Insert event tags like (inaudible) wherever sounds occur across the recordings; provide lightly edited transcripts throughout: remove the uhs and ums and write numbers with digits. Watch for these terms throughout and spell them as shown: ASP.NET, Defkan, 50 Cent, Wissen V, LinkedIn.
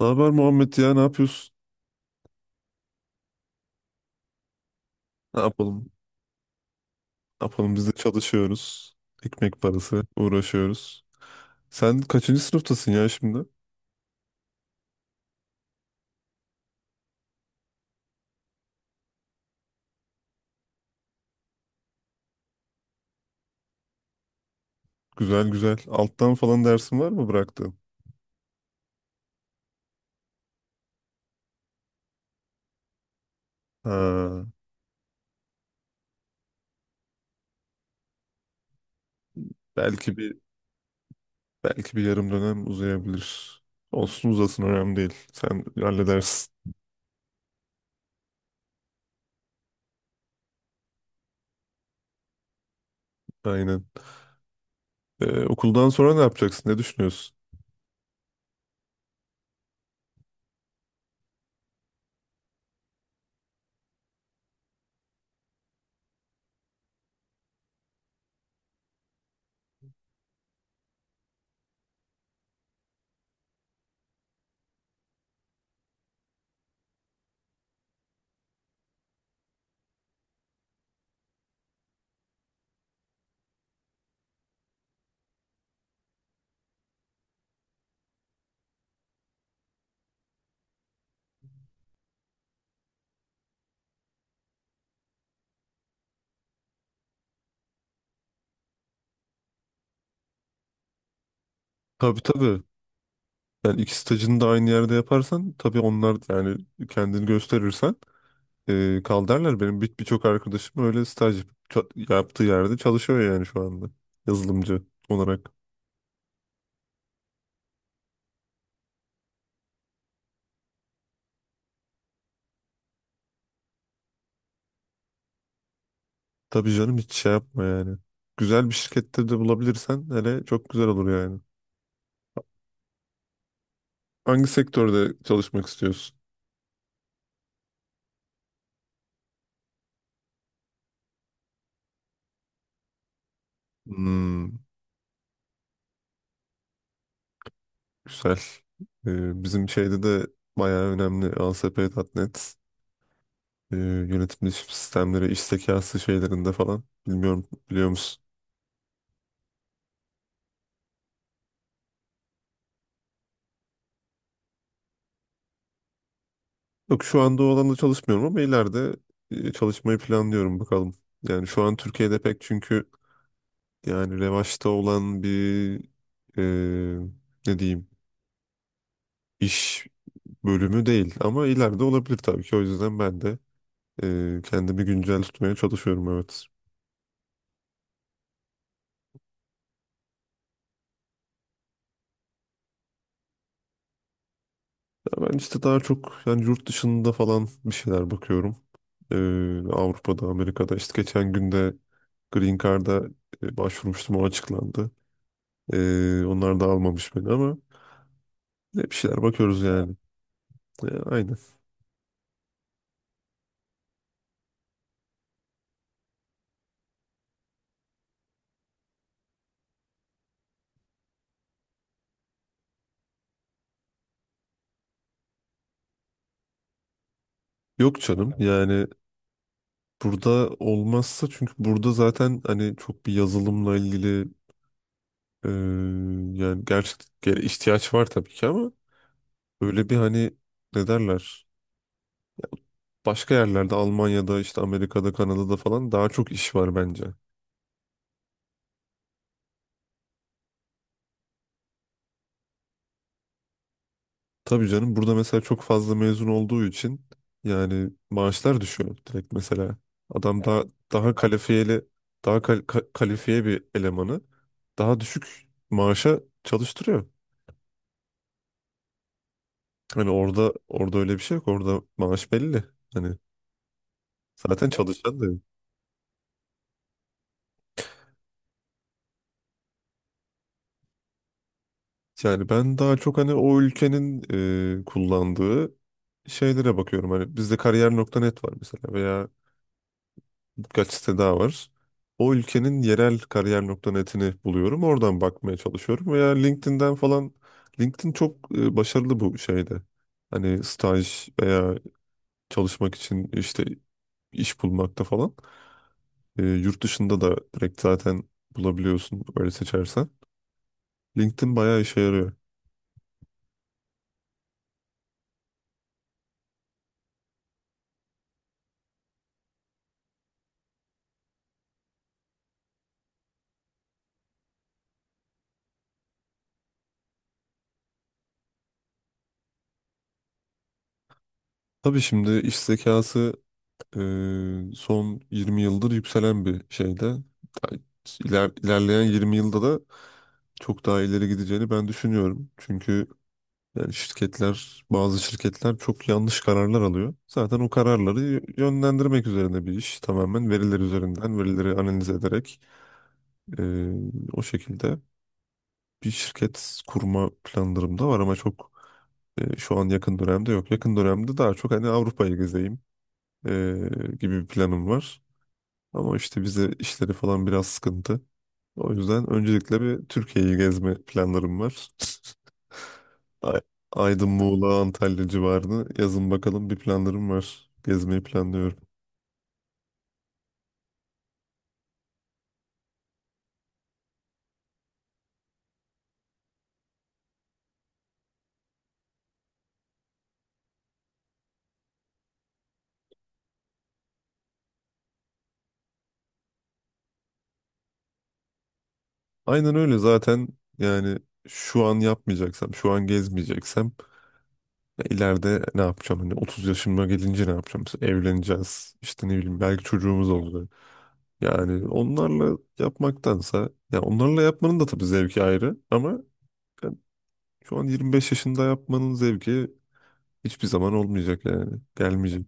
Ne haber Muhammed ya, ne yapıyorsun? Ne yapalım? Ne yapalım, biz de çalışıyoruz. Ekmek parası uğraşıyoruz. Sen kaçıncı sınıftasın ya şimdi? Güzel güzel. Alttan falan dersin var mı bıraktığın? Ha, belki bir belki bir yarım dönem uzayabilir. Olsun uzasın, önemli değil. Sen halledersin. Aynen. Okuldan sonra ne yapacaksın? Ne düşünüyorsun? Tabii tabii. Yani iki stajını da aynı yerde yaparsan tabii onlar, yani kendini gösterirsen kaldarlar. Benim birçok arkadaşım öyle yaptığı yerde çalışıyor, yani şu anda yazılımcı olarak. Tabii canım, hiç şey yapma yani. Güzel bir şirkette de bulabilirsen hele, çok güzel olur yani. Hangi sektörde çalışmak istiyorsun? Hmm, güzel. E, bizim şeyde de bayağı önemli ASP.NET, yönetim sistemleri, iş zekası şeylerinde falan. Bilmiyorum, biliyor musun? Yok, şu anda o alanda çalışmıyorum ama ileride çalışmayı planlıyorum, bakalım. Yani şu an Türkiye'de pek, çünkü yani revaçta olan bir e, ne diyeyim, iş bölümü değil ama ileride olabilir tabii ki. O yüzden ben de kendimi güncel tutmaya çalışıyorum, evet. Ya ben işte daha çok yani yurt dışında falan bir şeyler bakıyorum. E, Avrupa'da, Amerika'da, işte geçen günde Green Card'a başvurmuştum, o açıklandı. E, onlar da almamış beni ama ne bir şeyler bakıyoruz yani. Ya, aynen. Yok canım, yani burada olmazsa, çünkü burada zaten hani çok bir yazılımla ilgili e, yani gerçekten ihtiyaç var tabii ki ama öyle bir hani, ne derler, başka yerlerde Almanya'da, işte Amerika'da, Kanada'da falan daha çok iş var bence. Tabii canım, burada mesela çok fazla mezun olduğu için yani maaşlar düşüyor direkt mesela. Adam daha evet, daha kalifiyeli, kalifiye bir elemanı daha düşük maaşa çalıştırıyor. Hani orada, orada öyle bir şey yok. Orada maaş belli. Hani zaten evet, çalışan da yok. Yani ben daha çok hani o ülkenin kullandığı şeylere bakıyorum. Hani bizde kariyer nokta net var mesela, veya birkaç site daha var. O ülkenin yerel kariyer.net'ini buluyorum. Oradan bakmaya çalışıyorum veya LinkedIn'den falan. LinkedIn çok başarılı bu şeyde. Hani staj veya çalışmak için, işte iş bulmakta falan. E, yurt dışında da direkt zaten bulabiliyorsun öyle seçersen. LinkedIn bayağı işe yarıyor. Tabii, şimdi iş zekası son 20 yıldır yükselen bir şeyde. Ta- ilerleyen 20 yılda da çok daha ileri gideceğini ben düşünüyorum. Çünkü yani bazı şirketler çok yanlış kararlar alıyor. Zaten o kararları yönlendirmek üzerine bir iş. Tamamen veriler üzerinden, verileri analiz ederek e, o şekilde bir şirket kurma planlarım da var ama çok şu an yakın dönemde yok. Yakın dönemde daha çok hani Avrupa'yı gezeyim e, gibi bir planım var. Ama işte bize işleri falan biraz sıkıntı. O yüzden öncelikle bir Türkiye'yi gezme planlarım var. (laughs) Ay- Aydın, Muğla, Antalya civarını yazın, bakalım bir planlarım var. Gezmeyi planlıyorum. Aynen öyle zaten. Yani şu an yapmayacaksam, şu an gezmeyeceksem ya ileride ne yapacağım? Hani 30 yaşıma gelince ne yapacağım? Mesela evleneceğiz. İşte ne bileyim, belki çocuğumuz olacak. Yani onlarla yapmaktansa, ya onlarla yapmanın da tabii zevki ayrı ama şu an 25 yaşında yapmanın zevki hiçbir zaman olmayacak yani. Gelmeyecek.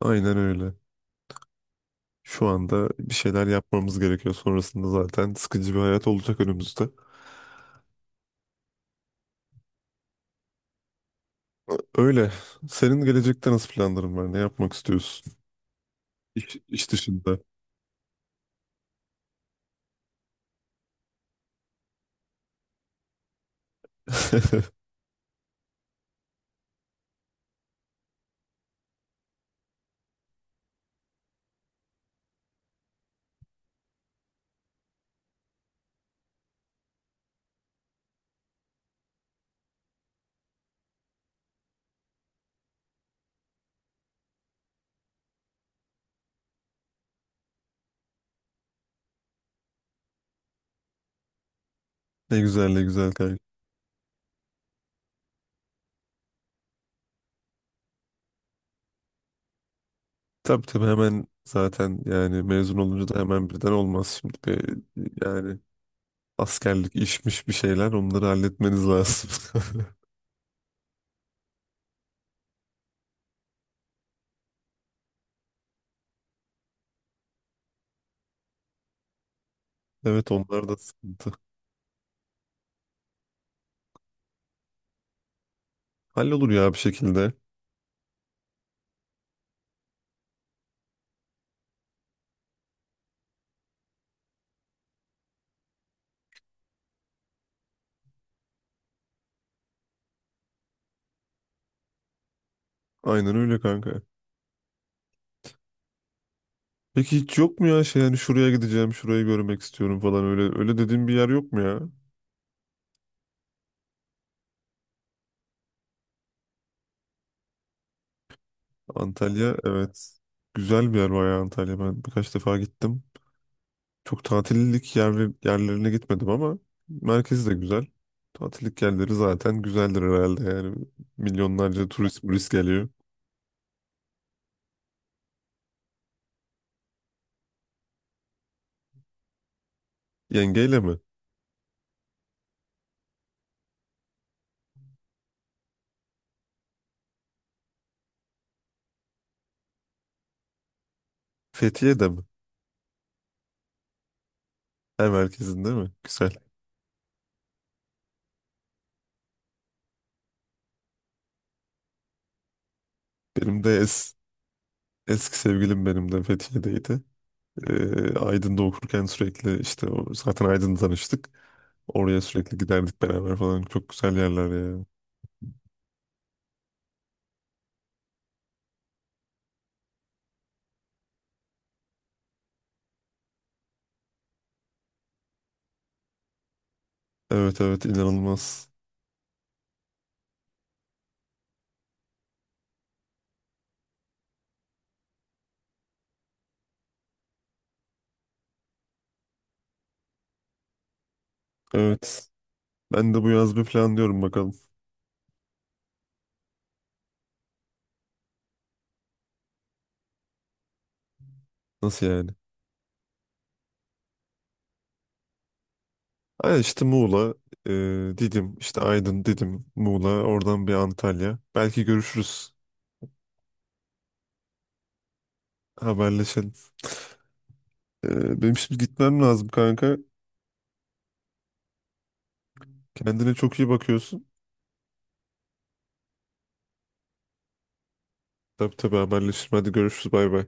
Aynen öyle. Şu anda bir şeyler yapmamız gerekiyor. Sonrasında zaten sıkıcı bir hayat olacak önümüzde. Öyle. Senin gelecekte nasıl planların var? Ne yapmak istiyorsun? İş, iş dışında. (laughs) Ne güzel, ne güzel kanka. Tabii tabii, hemen zaten yani mezun olunca da hemen birden olmaz şimdi. Bir, yani askerlik işmiş bir şeyler, onları halletmeniz lazım. (laughs) Evet, onlar da sıkıntı. Hallolur ya bir şekilde. Aynen öyle kanka. Peki hiç yok mu ya şey, yani şuraya gideceğim, şurayı görmek istiyorum falan, öyle öyle dediğim bir yer yok mu ya? Antalya, evet. Güzel bir yer bayağı Antalya. Ben birkaç defa gittim. Çok tatillik yerler, yerlerine gitmedim ama merkezi de güzel. Tatillik yerleri zaten güzeldir herhalde yani. Milyonlarca turist geliyor. Yengeyle mi? Fethiye'de mi? Ha, merkezinde mi? Güzel. Benim de es, Eski sevgilim benim de Fethiye'deydi. E, Aydın'da okurken sürekli işte o, zaten Aydın'da tanıştık. Oraya sürekli giderdik beraber falan. Çok güzel yerler ya. Evet evet, inanılmaz. Evet. Ben de bu yaz bir plan diyorum, bakalım. Nasıl yani? Ay, işte Muğla, e, Didim, işte Aydın, Didim, Muğla, oradan bir Antalya. Belki görüşürüz. Haberleşelim. E, benim şimdi gitmem lazım kanka. Kendine çok iyi bakıyorsun. Tabii tabii, haberleşelim. Hadi görüşürüz. Bay bay.